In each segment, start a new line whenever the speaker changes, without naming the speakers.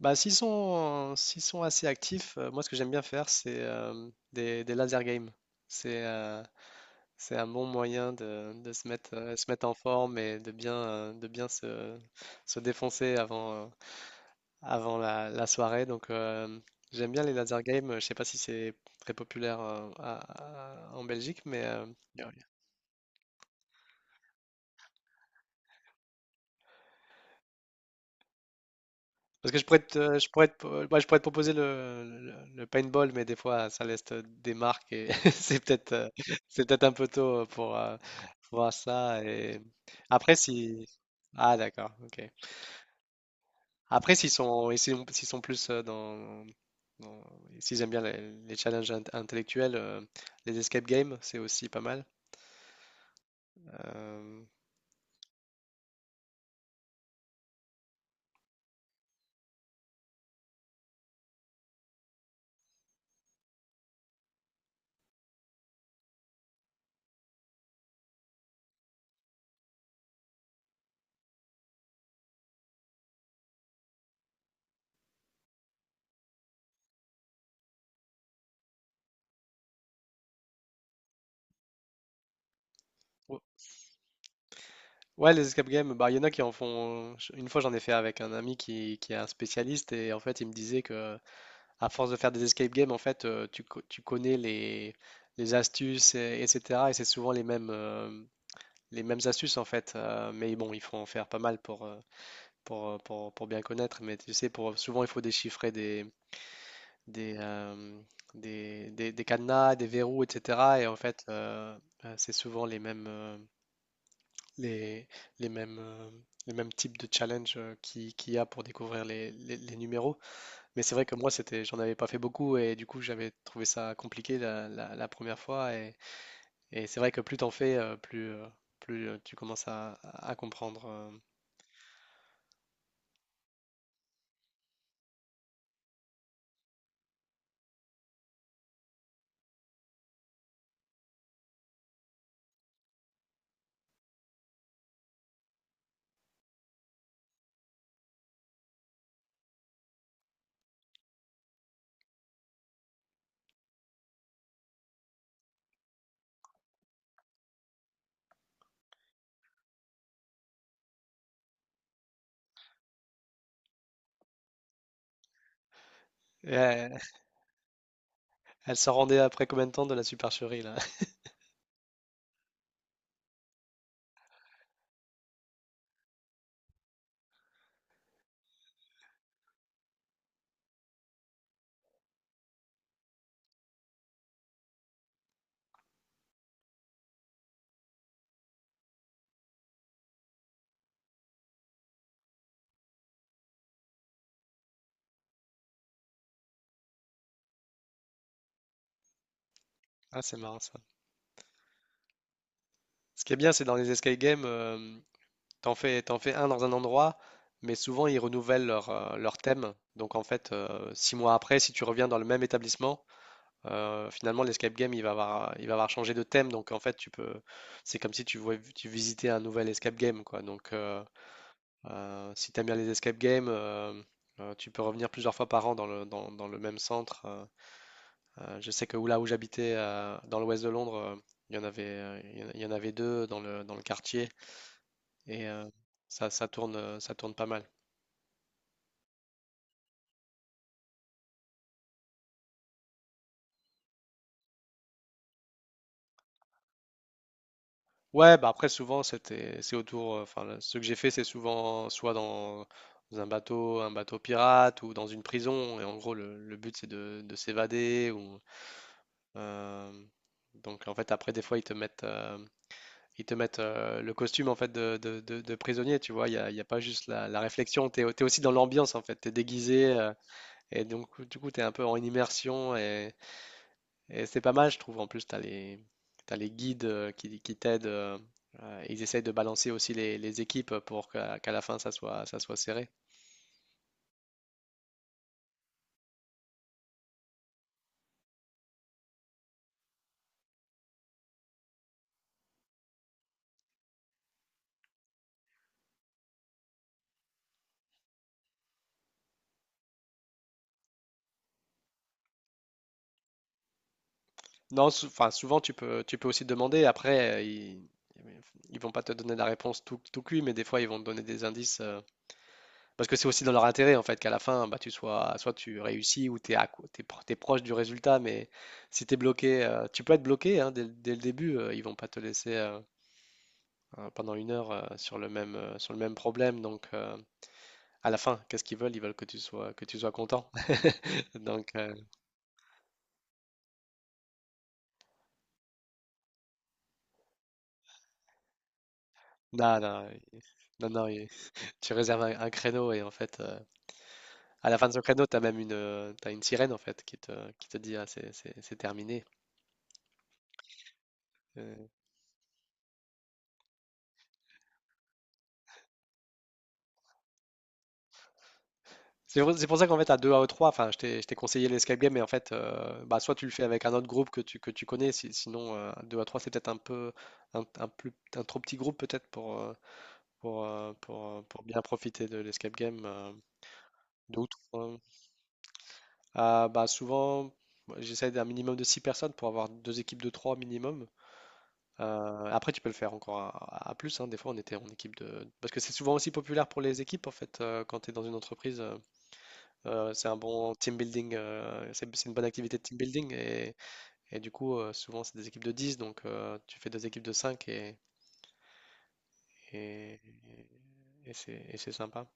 Bah, s'ils sont assez actifs, moi ce que j'aime bien faire, c'est des laser games. C'est euh, c'est un bon moyen de se mettre en forme et de bien se défoncer avant, avant la soirée. J'aime bien les laser games. Je sais pas si c'est très populaire en Belgique, mais euh, parce que je pourrais te, ouais, je pourrais te proposer le, le paintball, mais des fois, ça laisse des marques et c'est peut-être, c'est peut-être un peu tôt pour voir ça. Et après, si, ah d'accord, ok. Après, s'ils sont, et s'ils sont plus dans, dans- s'ils aiment bien les challenges intellectuels, les escape games, c'est aussi pas mal. Euh, ou- Ouais, les escape games, bah, il y en a qui en font. Une fois, j'en ai fait avec un ami qui est un spécialiste et en fait, il me disait que à force de faire des escape games, en fait, tu, tu connais les astuces, etc. Et c'est souvent les mêmes astuces, en fait. Mais bon, il faut en faire pas mal pour bien connaître. Mais tu sais, pour, souvent, il faut déchiffrer des, des, euh, des, des cadenas, des verrous, etc. Et en fait, c'est souvent les, les mêmes, euh, les mêmes types de challenges qui, qu'il y a pour découvrir les, les numéros. Mais c'est vrai que moi, c'était, j'en avais pas fait beaucoup et du coup, j'avais trouvé ça compliqué la, la première fois. Et c'est vrai que plus t'en fais, plus, tu commences à comprendre. Et elle s'en rendait après combien de temps de la supercherie là? Ah, c'est marrant ça. Ce qui est bien, c'est dans les escape games, t'en fais un dans un endroit, mais souvent ils renouvellent leur, leur thème. Donc en fait, six mois après, si tu reviens dans le même établissement, finalement, l'escape game, il va avoir changé de thème, donc en fait, tu peux, c'est comme si tu, tu visitais un nouvel escape game, quoi. Donc, si tu aimes bien les escape games, tu peux revenir plusieurs fois par an dans le, dans, dans le même centre. Je sais que là où j'habitais, dans l'ouest de Londres, il y en avait, il y en avait deux dans le quartier, et ça, ça tourne pas mal. Ouais, bah après souvent c'est autour enfin ce que j'ai fait c'est souvent soit dans, dans un bateau pirate ou dans une prison et en gros le but c'est de s'évader ou euh, donc en fait après des fois ils te mettent le costume en fait de, de prisonnier, tu vois, il y a pas juste la, la réflexion, t'es, t'es aussi dans l'ambiance en fait, t'es déguisé et donc du coup t'es un peu en immersion et c'est pas mal, je trouve. En plus, tu as les, t'as les guides qui t'aident. Ils essayent de balancer aussi les équipes pour qu'à la fin, ça soit serré. Non, enfin, souvent, tu peux aussi demander. Après, ils vont pas te donner la réponse tout, tout cuit, mais des fois, ils vont te donner des indices. Parce que c'est aussi dans leur intérêt, en fait, qu'à la fin, bah, tu sois, soit tu réussis ou tu es, proche du résultat. Mais si tu es bloqué, tu peux être bloqué hein, dès, dès le début. Ils vont pas te laisser. Pendant une heure sur le même problème. À la fin, qu'est-ce qu'ils veulent? Ils veulent que tu sois content. Donc, euh, non, non, il- non, non, il- Tu réserves un créneau et en fait, à la fin de ce créneau, tu as même une, t'as une sirène en fait qui te dit, ah, c'est terminé. Euh, c'est pour ça qu'en fait, à 2 à 3 enfin, je t'ai conseillé l'escape game, mais en fait, bah, soit tu le fais avec un autre groupe que tu connais, sinon, 2 à 3 c'est peut-être un peu, un plus, un trop petit groupe peut-être pour bien profiter de l'escape game. Deux ou trois. Ah, bah, souvent, moi, j'essaie d'un minimum de 6 personnes pour avoir deux équipes de 3 minimum. Après, tu peux le faire encore à, plus. Hein. Des fois, on était en équipe de... Parce que c'est souvent aussi populaire pour les équipes, en fait, quand tu es dans une entreprise. C'est un bon team building. C'est une bonne activité de team building. Et du coup, souvent, c'est des équipes de dix. Donc, tu fais deux équipes de 5 et, et c'est sympa.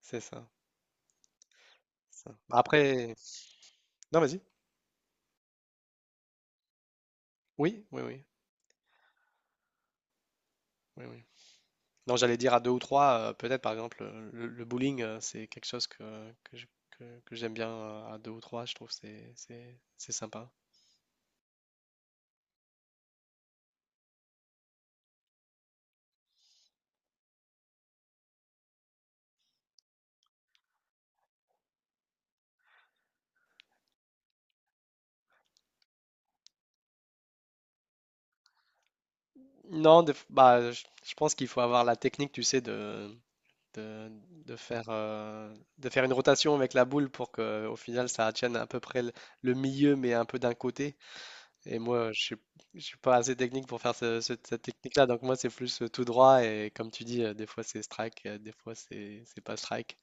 C'est ça. Ça. Après... Non, vas-y. Oui, oui, oui, oui, oui. Non, j'allais dire à deux ou trois, peut-être par exemple le bowling, c'est quelque chose que, que j'aime bien à deux ou trois, je trouve que c'est sympa. Non, bah, je pense qu'il faut avoir la technique, tu sais, de, de faire une rotation avec la boule pour que au final ça tienne à peu près le milieu, mais un peu d'un côté. Et moi, je suis pas assez technique pour faire cette technique-là, donc moi c'est plus tout droit et comme tu dis, des fois c'est strike, des fois c'est pas strike.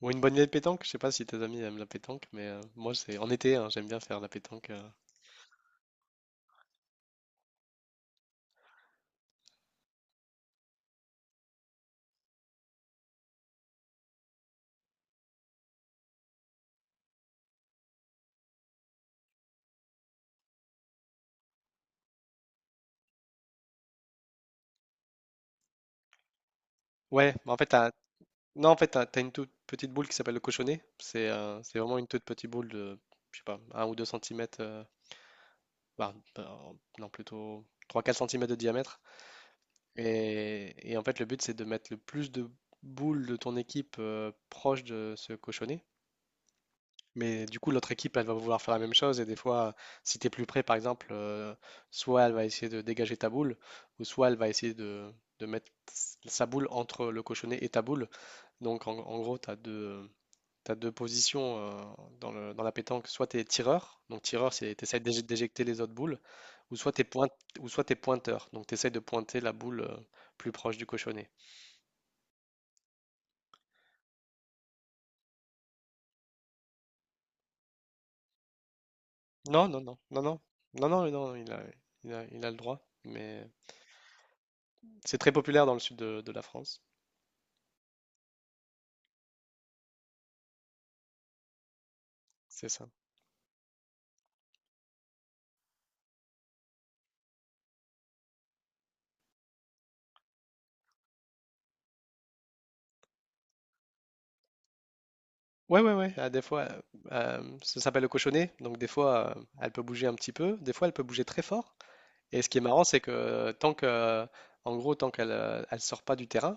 Ou une bonne vieille pétanque, je sais pas si tes amis aiment la pétanque, mais moi c'est en été, hein, j'aime bien faire la pétanque. Ouais, mais non en fait t'as, t'as une toute petite boule qui s'appelle le cochonnet. C'est vraiment une toute petite boule de, je sais pas, un ou 2 centimètres, bah, bah, non plutôt trois quatre centimètres de diamètre. Et en fait le but c'est de mettre le plus de boules de ton équipe proche de ce cochonnet. Mais du coup, l'autre équipe, elle va vouloir faire la même chose. Et des fois, si tu es plus près, par exemple, soit elle va essayer de dégager ta boule, ou soit elle va essayer de mettre sa boule entre le cochonnet et ta boule. Donc, en gros, tu as deux, t'as deux positions dans dans la pétanque. Soit tu es tireur, donc tireur, c'est tu essaies d'éjecter les autres boules, ou soit tu es, ou soit t'es pointeur, donc tu essaies de pointer la boule plus proche du cochonnet. Non, non, non, non, non, non, non, non, il a le droit, mais. C'est très populaire dans le sud de la France, c'est ça. Ouais, ouais, ouais. Ah, des fois, ça s'appelle le cochonnet. Donc, des fois, elle peut bouger un petit peu. Des fois, elle peut bouger très fort. Et ce qui est marrant, c'est que tant que, en gros, tant qu'elle elle sort pas du terrain,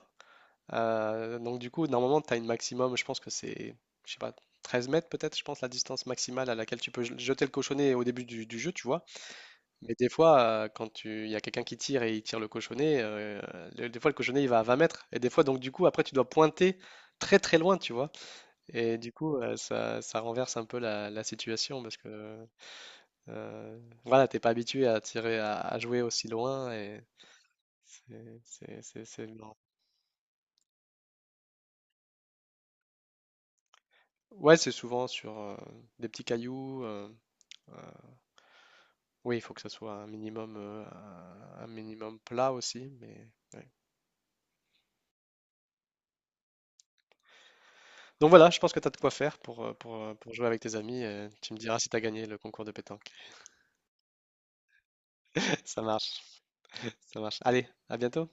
donc du coup, normalement, tu as une maximum, je pense que c'est, je sais pas, 13 mètres peut-être, je pense, la distance maximale à laquelle tu peux jeter le cochonnet au début du jeu, tu vois. Mais des fois, quand tu... il y a quelqu'un qui tire et il tire le cochonnet, des fois le cochonnet il va à 20 mètres. Et des fois, donc du coup, après tu dois pointer très très loin, tu vois. Et du coup, ça, ça renverse un peu la, la situation parce que euh, voilà, t'es pas habitué à tirer, à jouer aussi loin. Et c'est marrant. Ouais, c'est souvent sur des petits cailloux. Euh, oui, il faut que ça soit un minimum plat aussi, mais. Ouais. Donc voilà, je pense que tu as de quoi faire pour jouer avec tes amis. Tu me diras si tu as gagné le concours de pétanque. Ça marche, ça marche. Allez, à bientôt.